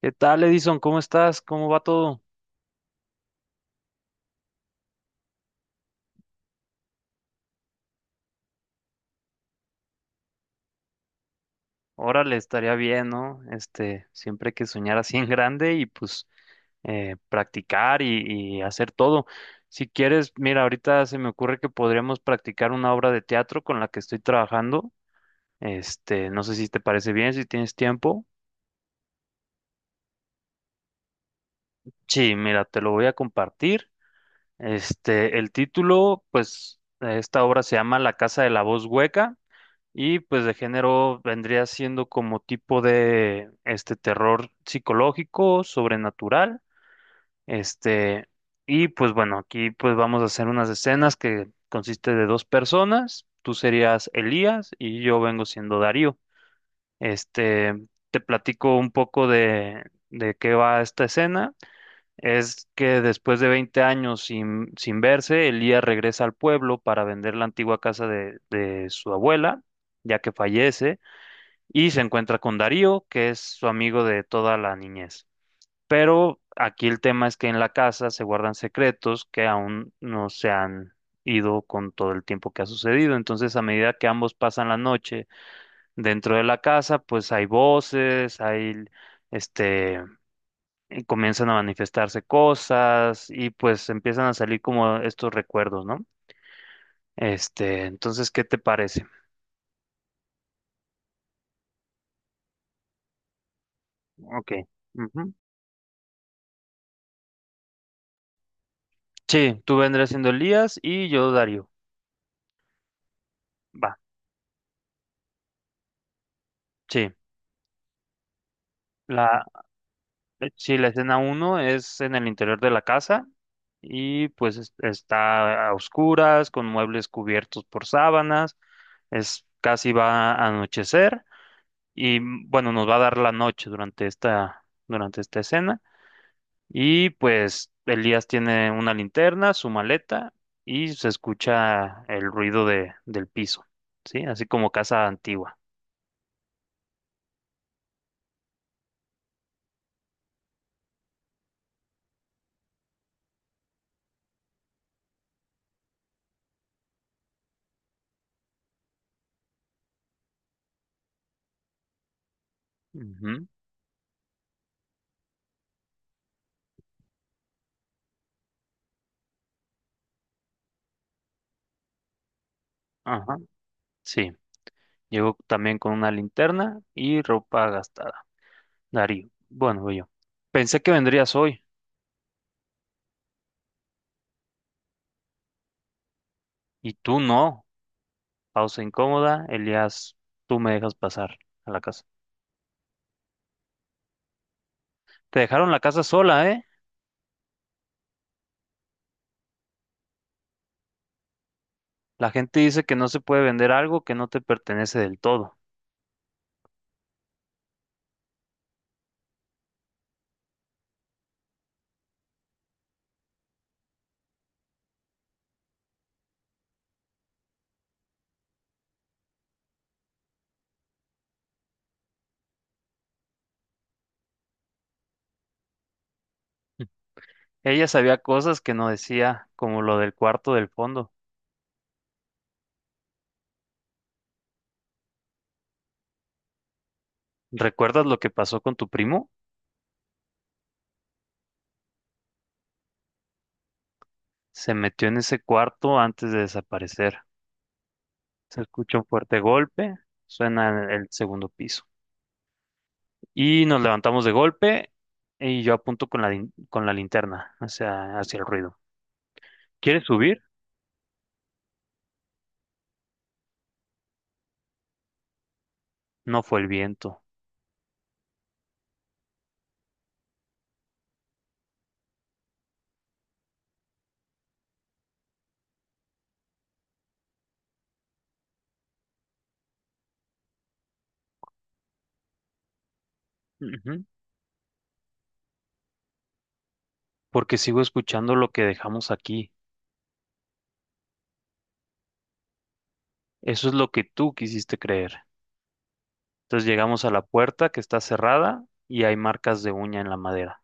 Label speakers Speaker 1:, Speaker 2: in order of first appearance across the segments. Speaker 1: ¿Qué tal, Edison? ¿Cómo estás? ¿Cómo va todo? Órale, estaría bien, ¿no? Siempre hay que soñar así en grande y pues practicar y hacer todo. Si quieres, mira, ahorita se me ocurre que podríamos practicar una obra de teatro con la que estoy trabajando. No sé si te parece bien, si tienes tiempo. Sí, mira, te lo voy a compartir. El título, pues, de esta obra se llama La Casa de la Voz Hueca. Y pues de género vendría siendo como tipo de este terror psicológico, sobrenatural, este, y pues bueno, aquí pues vamos a hacer unas escenas que consiste de dos personas, tú serías Elías y yo vengo siendo Darío. Este, Te platico un poco de qué va esta escena. Es que después de 20 años sin verse, Elías regresa al pueblo para vender la antigua casa de su abuela ya que fallece, y se encuentra con Darío, que es su amigo de toda la niñez. Pero aquí el tema es que en la casa se guardan secretos que aún no se han ido con todo el tiempo que ha sucedido. Entonces, a medida que ambos pasan la noche dentro de la casa, pues hay voces, hay este, y comienzan a manifestarse cosas y pues empiezan a salir como estos recuerdos, ¿no? Entonces, ¿qué te parece? Ok. Ujú. Sí, tú vendrás siendo Elías y yo Darío. Va. Sí, la, sí, la escena uno es en el interior de la casa y pues está a oscuras, con muebles cubiertos por sábanas, es casi va a anochecer y bueno, nos va a dar la noche durante esta escena y pues Elías tiene una linterna, su maleta y se escucha el ruido del piso, ¿sí? Así como casa antigua. Ujú. Ajá, sí. Llegó también con una linterna y ropa gastada. Darío. Bueno, yo. Pensé que vendrías hoy y tú no. Pausa incómoda. Elías, tú me dejas pasar a la casa. Te dejaron la casa sola, ¿eh? La gente dice que no se puede vender algo que no te pertenece del todo. Ella sabía cosas que no decía, como lo del cuarto del fondo. ¿Recuerdas lo que pasó con tu primo? Se metió en ese cuarto antes de desaparecer. Se escucha un fuerte golpe. Suena en el segundo piso. Y nos levantamos de golpe y yo apunto con la linterna hacia el ruido. ¿Quieres subir? No fue el viento. Ujú. Porque sigo escuchando lo que dejamos aquí. Eso es lo que tú quisiste creer. Entonces llegamos a la puerta que está cerrada y hay marcas de uña en la madera.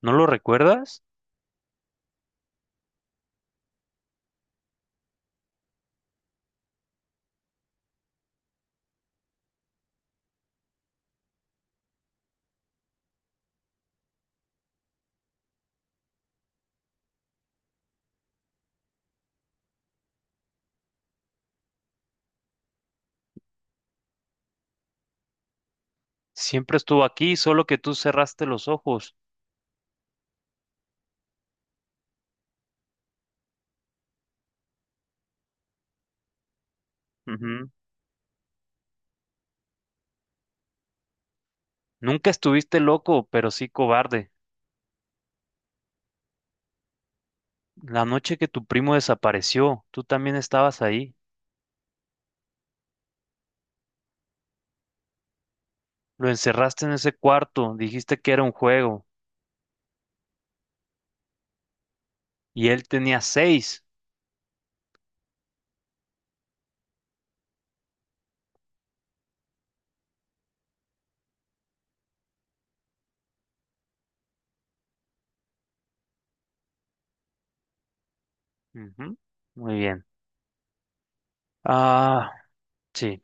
Speaker 1: ¿No lo recuerdas? Siempre estuvo aquí, solo que tú cerraste los ojos. Ujú. Nunca estuviste loco, pero sí cobarde. La noche que tu primo desapareció, tú también estabas ahí. Lo encerraste en ese cuarto, dijiste que era un juego y él tenía seis. Ujú. Muy bien. Ah, sí.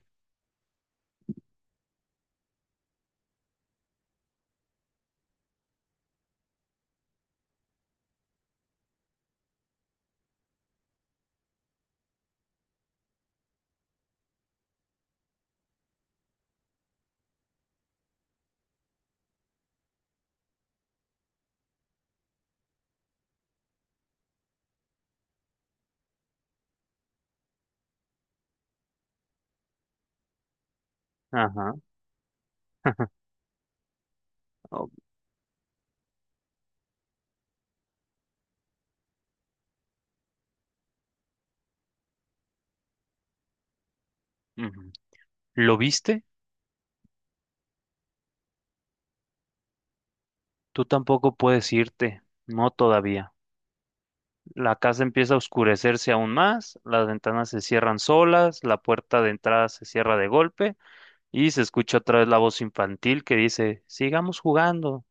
Speaker 1: Ajá. Oh, ujú. ¿Lo viste? Tú tampoco puedes irte. No todavía. La casa empieza a oscurecerse aún más, las ventanas se cierran solas, la puerta de entrada se cierra de golpe y se escucha otra vez la voz infantil que dice, sigamos jugando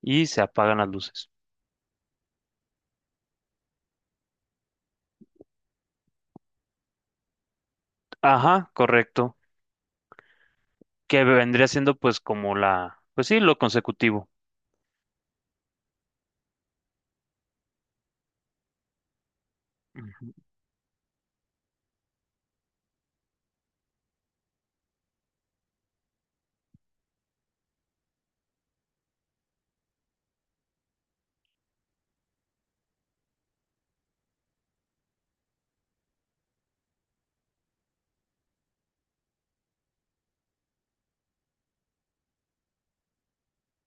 Speaker 1: y se apagan las luces. Ajá, correcto. Que vendría siendo pues como pues sí, lo consecutivo.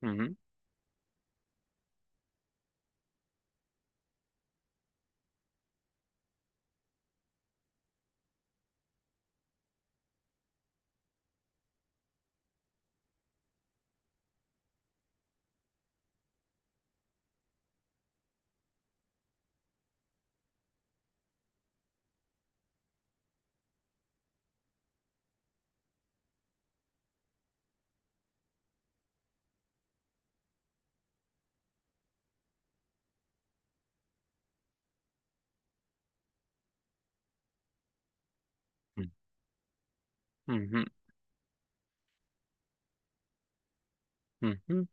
Speaker 1: Ujú, ujú, ujú.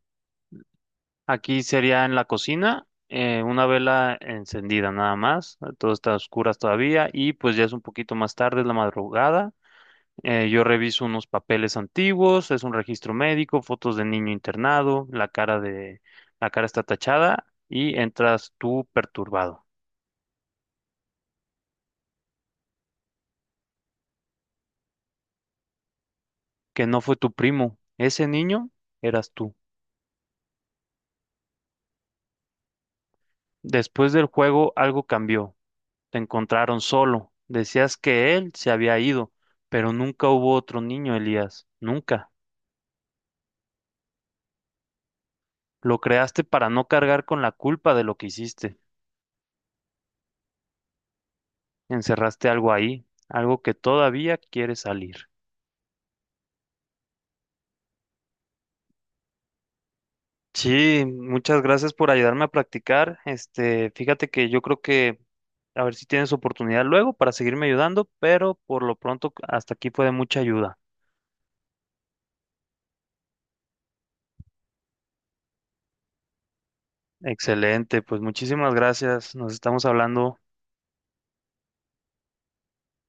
Speaker 1: Aquí sería en la cocina, una vela encendida nada más, todo está a oscuras todavía y pues ya es un poquito más tarde, es la madrugada. Yo reviso unos papeles antiguos, es un registro médico, fotos de niño internado, la cara está tachada y entras tú perturbado, que no fue tu primo, ese niño eras tú. Después del juego algo cambió. Te encontraron solo. Decías que él se había ido, pero nunca hubo otro niño, Elías. Nunca. Lo creaste para no cargar con la culpa de lo que hiciste. Encerraste algo ahí, algo que todavía quiere salir. Sí, muchas gracias por ayudarme a practicar. Fíjate que yo creo que a ver si tienes oportunidad luego para seguirme ayudando, pero por lo pronto hasta aquí fue de mucha ayuda. Excelente, pues muchísimas gracias. Nos estamos hablando.